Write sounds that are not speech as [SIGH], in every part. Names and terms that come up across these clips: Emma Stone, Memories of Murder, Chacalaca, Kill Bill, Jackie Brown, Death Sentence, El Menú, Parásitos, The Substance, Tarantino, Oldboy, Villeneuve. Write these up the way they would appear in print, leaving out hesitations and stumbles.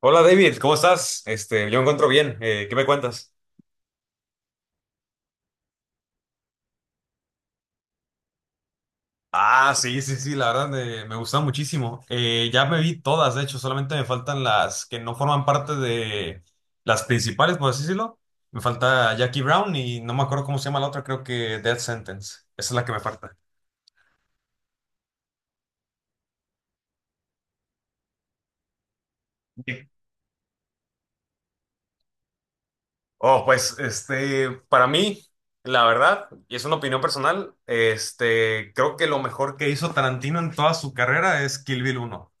Hola David, ¿cómo estás? Yo me encuentro bien. ¿Qué me cuentas? Ah, sí, sí, sí, la verdad me gusta muchísimo. Ya me vi todas, de hecho, solamente me faltan las que no forman parte de las principales, por así decirlo. Me falta Jackie Brown y no me acuerdo cómo se llama la otra, creo que Death Sentence. Esa es la que me falta. Bien. Oh, pues, para mí, la verdad, y es una opinión personal, creo que lo mejor que hizo Tarantino en toda su carrera es Kill Bill uno.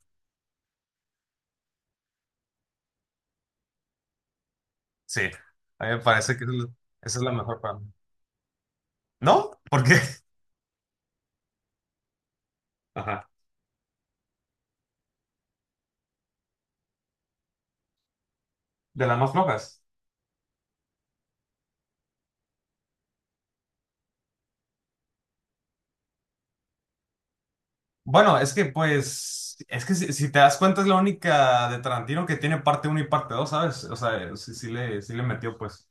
Sí, a mí me parece que es esa es la mejor para mí. ¿No? ¿Por qué? Ajá. De las más flojas. Bueno, es que si te das cuenta es la única de Tarantino que tiene parte uno y parte dos, ¿sabes? O sea, sí le metió pues.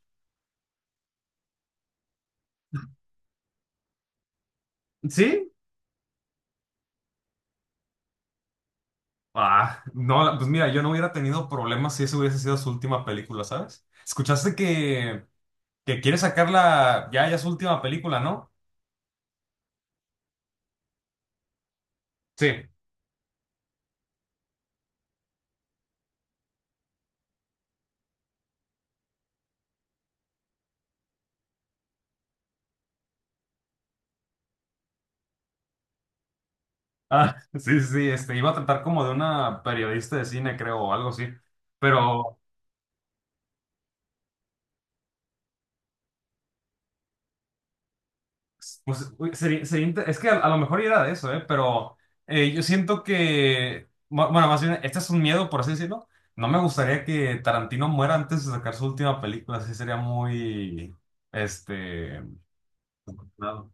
¿Sí? Ah, no, pues mira, yo no hubiera tenido problemas si esa hubiese sido su última película, ¿sabes? Escuchaste que, que quiere sacarla ya, su última película, ¿no? Sí. Ah, [LAUGHS] sí, sí, sí, iba a tratar como de una periodista de cine, creo, o algo así. Pero pues uy, es que a lo mejor era de eso, ¿eh? Pero yo siento que, bueno, más bien, este es un miedo, por así decirlo. No me gustaría que Tarantino muera antes de sacar su última película, así sería muy, este... no.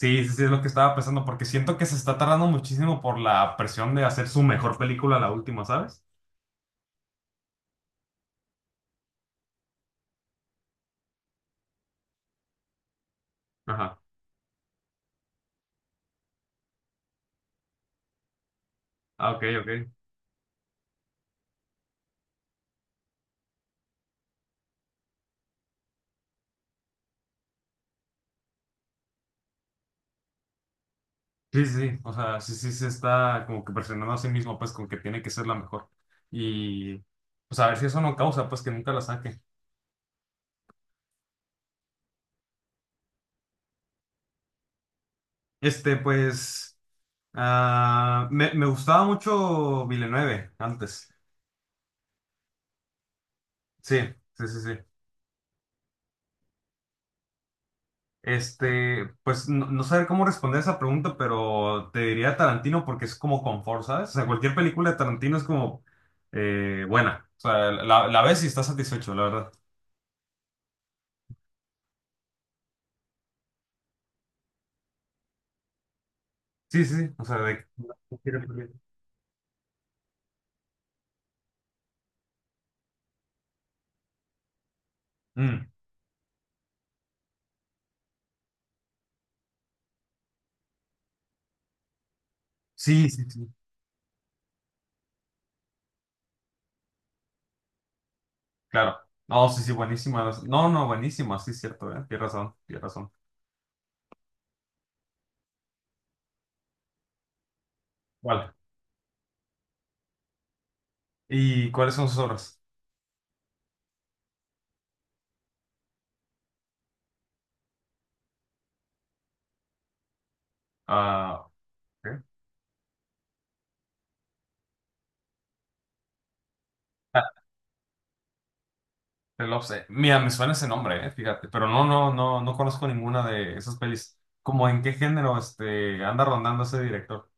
Sí, sí, sí, es lo que estaba pensando, porque siento que se está tardando muchísimo por la presión de hacer su mejor película, la última, ¿sabes? Ajá. Ah, ok, ok. Sí, sí, sí, o sea, sí, sí, se está como que presionando a sí mismo, pues, con que tiene que ser la mejor. Y, pues, a ver si eso no causa, pues, que nunca la saque. Pues, ah, me gustaba mucho Villeneuve antes. Sí, sí, sí, sí. Pues, no saber cómo responder esa pregunta, pero te diría Tarantino porque es como confort, ¿sabes? O sea, cualquier película de Tarantino es como buena. O sea, la ves y estás satisfecho, la verdad. Sí, sí, sí, o sea. Mm. Sí, sí, sí, claro. No, sí, sí, buenísima. No, no, buenísima, sí, cierto, ¿eh? Tienes razón, tienes razón. Vale. ¿Y cuáles son sus obras? Ah, ¿qué? Ah, mira, me suena ese nombre, fíjate, pero no, no, no, no conozco ninguna de esas pelis. ¿Cómo en qué género anda rondando ese director?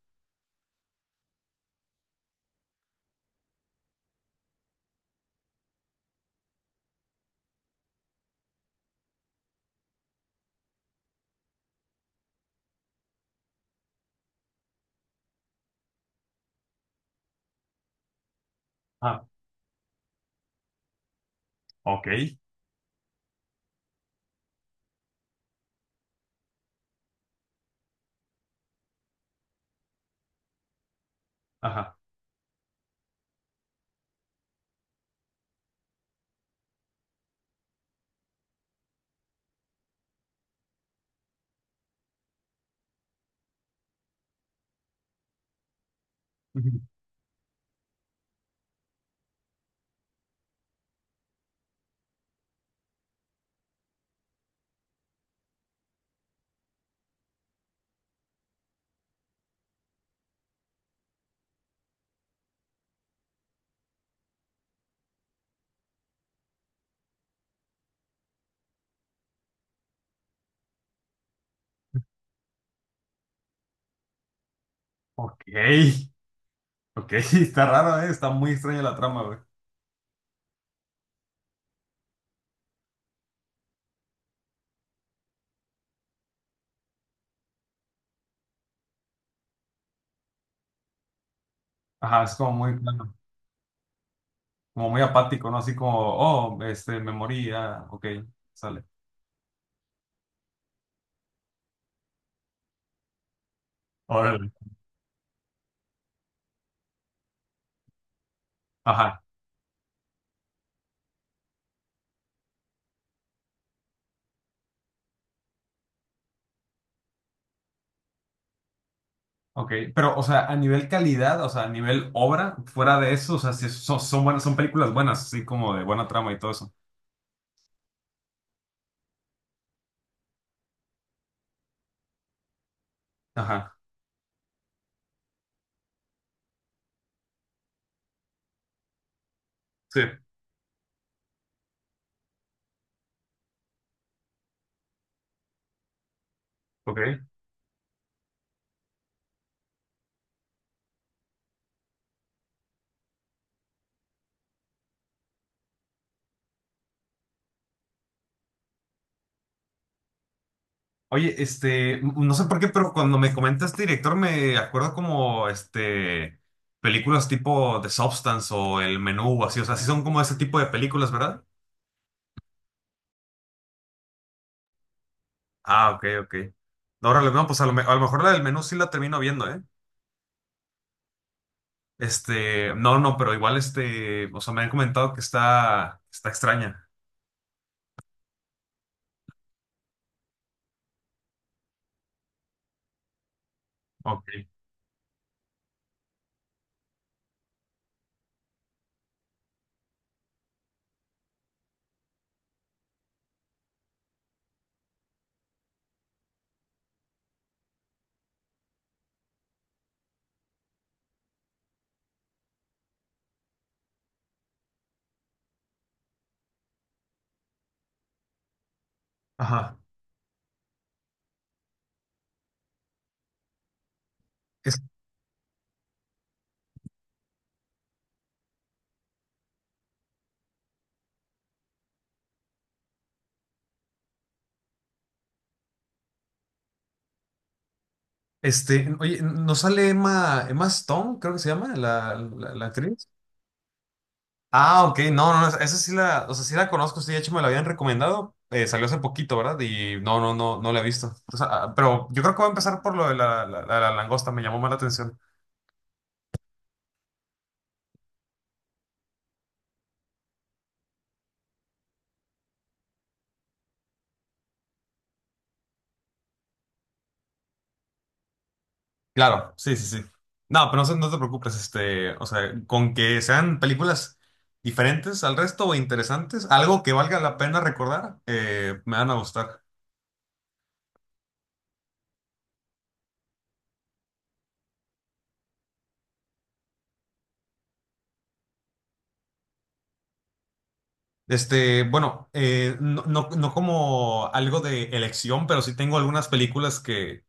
Ah, ok. Ajá. Ujú. Ok. Ok, [LAUGHS] está raro, está muy extraña la trama, güey. Ajá, es como muy plano, como muy apático, ¿no? Así como, oh, me morí, ah, ok, sale. Órale. Ajá, ok. Pero, o sea, a nivel calidad, o sea, a nivel obra, fuera de eso, o sea, si son buenas, son películas buenas, así como de buena trama y todo eso. Ajá, sí, ok. Oye, no sé por qué, pero cuando me comenta este director me acuerdo como, películas tipo The Substance o El Menú o así, o sea, sí son como ese tipo de películas, ¿verdad? Ah, ok, ok. Ahora, no, pues a lo mejor la del menú sí la termino viendo, ¿eh? No, no, pero igual o sea, me han comentado que está extraña. Ok. Ajá. Es- Oye, ¿nos sale Emma Stone, creo que se llama, la actriz? Ah, ok, no, no, no, esa sí la, o sea, sí la conozco, sí, de hecho me la habían recomendado, salió hace poquito, ¿verdad? Y no, no, no, no la he visto. O sea, ah, pero yo creo que voy a empezar por lo de la langosta, me llamó más la atención. Claro, sí, sí, sí. No, pero no, no te preocupes, o sea, con que sean películas diferentes al resto o interesantes, algo que valga la pena recordar, me van a gustar. Bueno, no, no, no como algo de elección, pero sí tengo algunas películas que,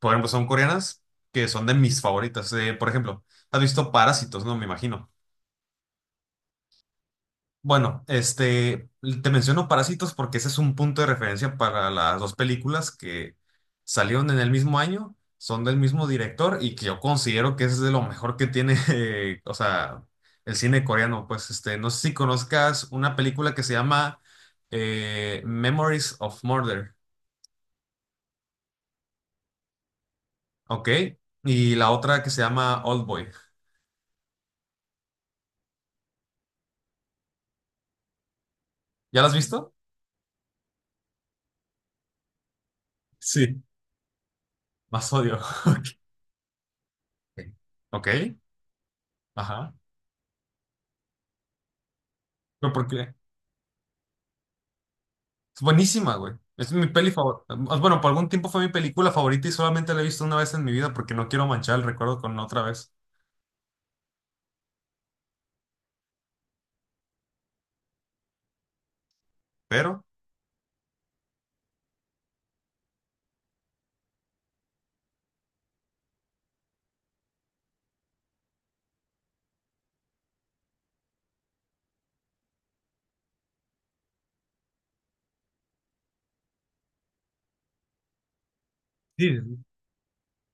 por ejemplo, son coreanas, que son de mis favoritas. Por ejemplo, has visto Parásitos, ¿no? Me imagino. Bueno, te menciono Parásitos porque ese es un punto de referencia para las dos películas que salieron en el mismo año, son del mismo director y que yo considero que es de lo mejor que tiene, [LAUGHS] o sea, el cine coreano. Pues, no sé si conozcas una película que se llama Memories of Murder, ¿ok? Y la otra que se llama Oldboy. ¿Ya la has visto? Sí. Más odio. [LAUGHS] Ok, ok, ajá. ¿Pero por qué? Es buenísima, güey. Es mi peli favorita. Bueno, por algún tiempo fue mi película favorita y solamente la he visto una vez en mi vida porque no quiero manchar el recuerdo con otra vez. Pero sí,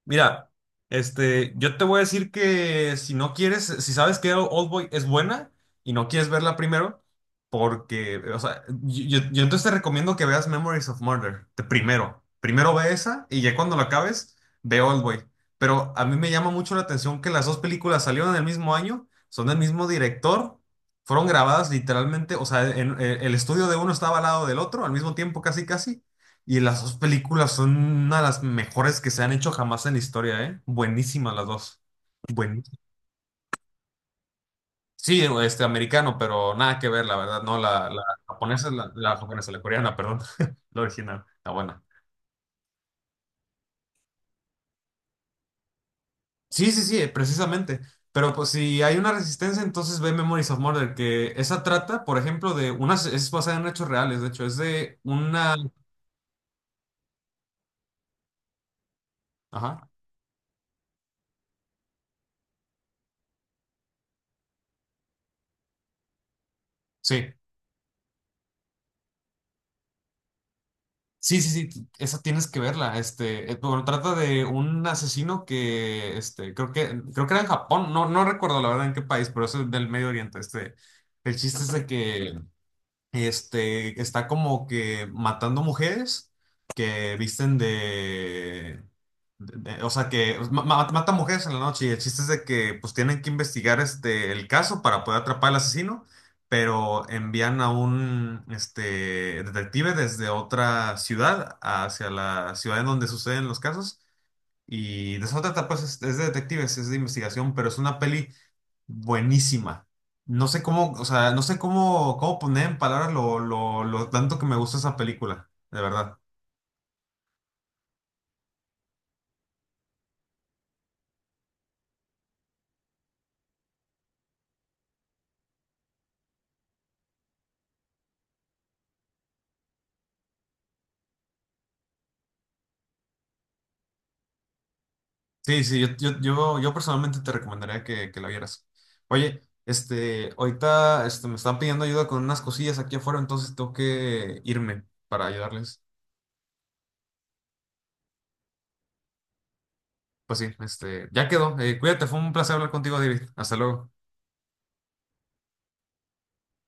mira, yo te voy a decir que si no quieres, si sabes que Oldboy es buena y no quieres verla primero, porque, o sea, yo entonces te recomiendo que veas Memories of Murder, de primero. Primero ve esa y ya cuando la acabes, ve Oldboy. Pero a mí me llama mucho la atención que las dos películas salieron en el mismo año, son del mismo director, fueron grabadas literalmente, o sea, el estudio de uno estaba al lado del otro, al mismo tiempo casi casi, y las dos películas son una de las mejores que se han hecho jamás en la historia, ¿eh? Buenísimas las dos. Buenísimas. Sí, este americano, pero nada que ver, la verdad, no, la japonesa, es la japonesa, la coreana, perdón, [LAUGHS] la original, la buena. Sí, sí, sí, precisamente. Pero pues si hay una resistencia, entonces ve Memories of Murder, que esa trata, por ejemplo, de unas, es basada en hechos reales, de hecho, es de una. Ajá, sí. Sí, sí, sí, esa tienes que verla. Bueno, trata de un asesino que, creo que era en Japón, no recuerdo la verdad en qué país, pero es del Medio Oriente. El chiste es de que está como que matando mujeres que visten o sea, que mata mujeres en la noche y el chiste es de que pues tienen que investigar el caso para poder atrapar al asesino, pero envían a un detective desde otra ciudad hacia la ciudad en donde suceden los casos y de eso trata, pues es de detectives, es de investigación, pero es una peli buenísima. No sé cómo, o sea, no sé cómo poner en palabras lo tanto que me gusta esa película, de verdad. Sí, sí, yo personalmente te recomendaría que la vieras. Oye, ahorita me están pidiendo ayuda con unas cosillas aquí afuera, entonces tengo que irme para ayudarles. Pues sí, ya quedó. Cuídate, fue un placer hablar contigo, David. Hasta luego.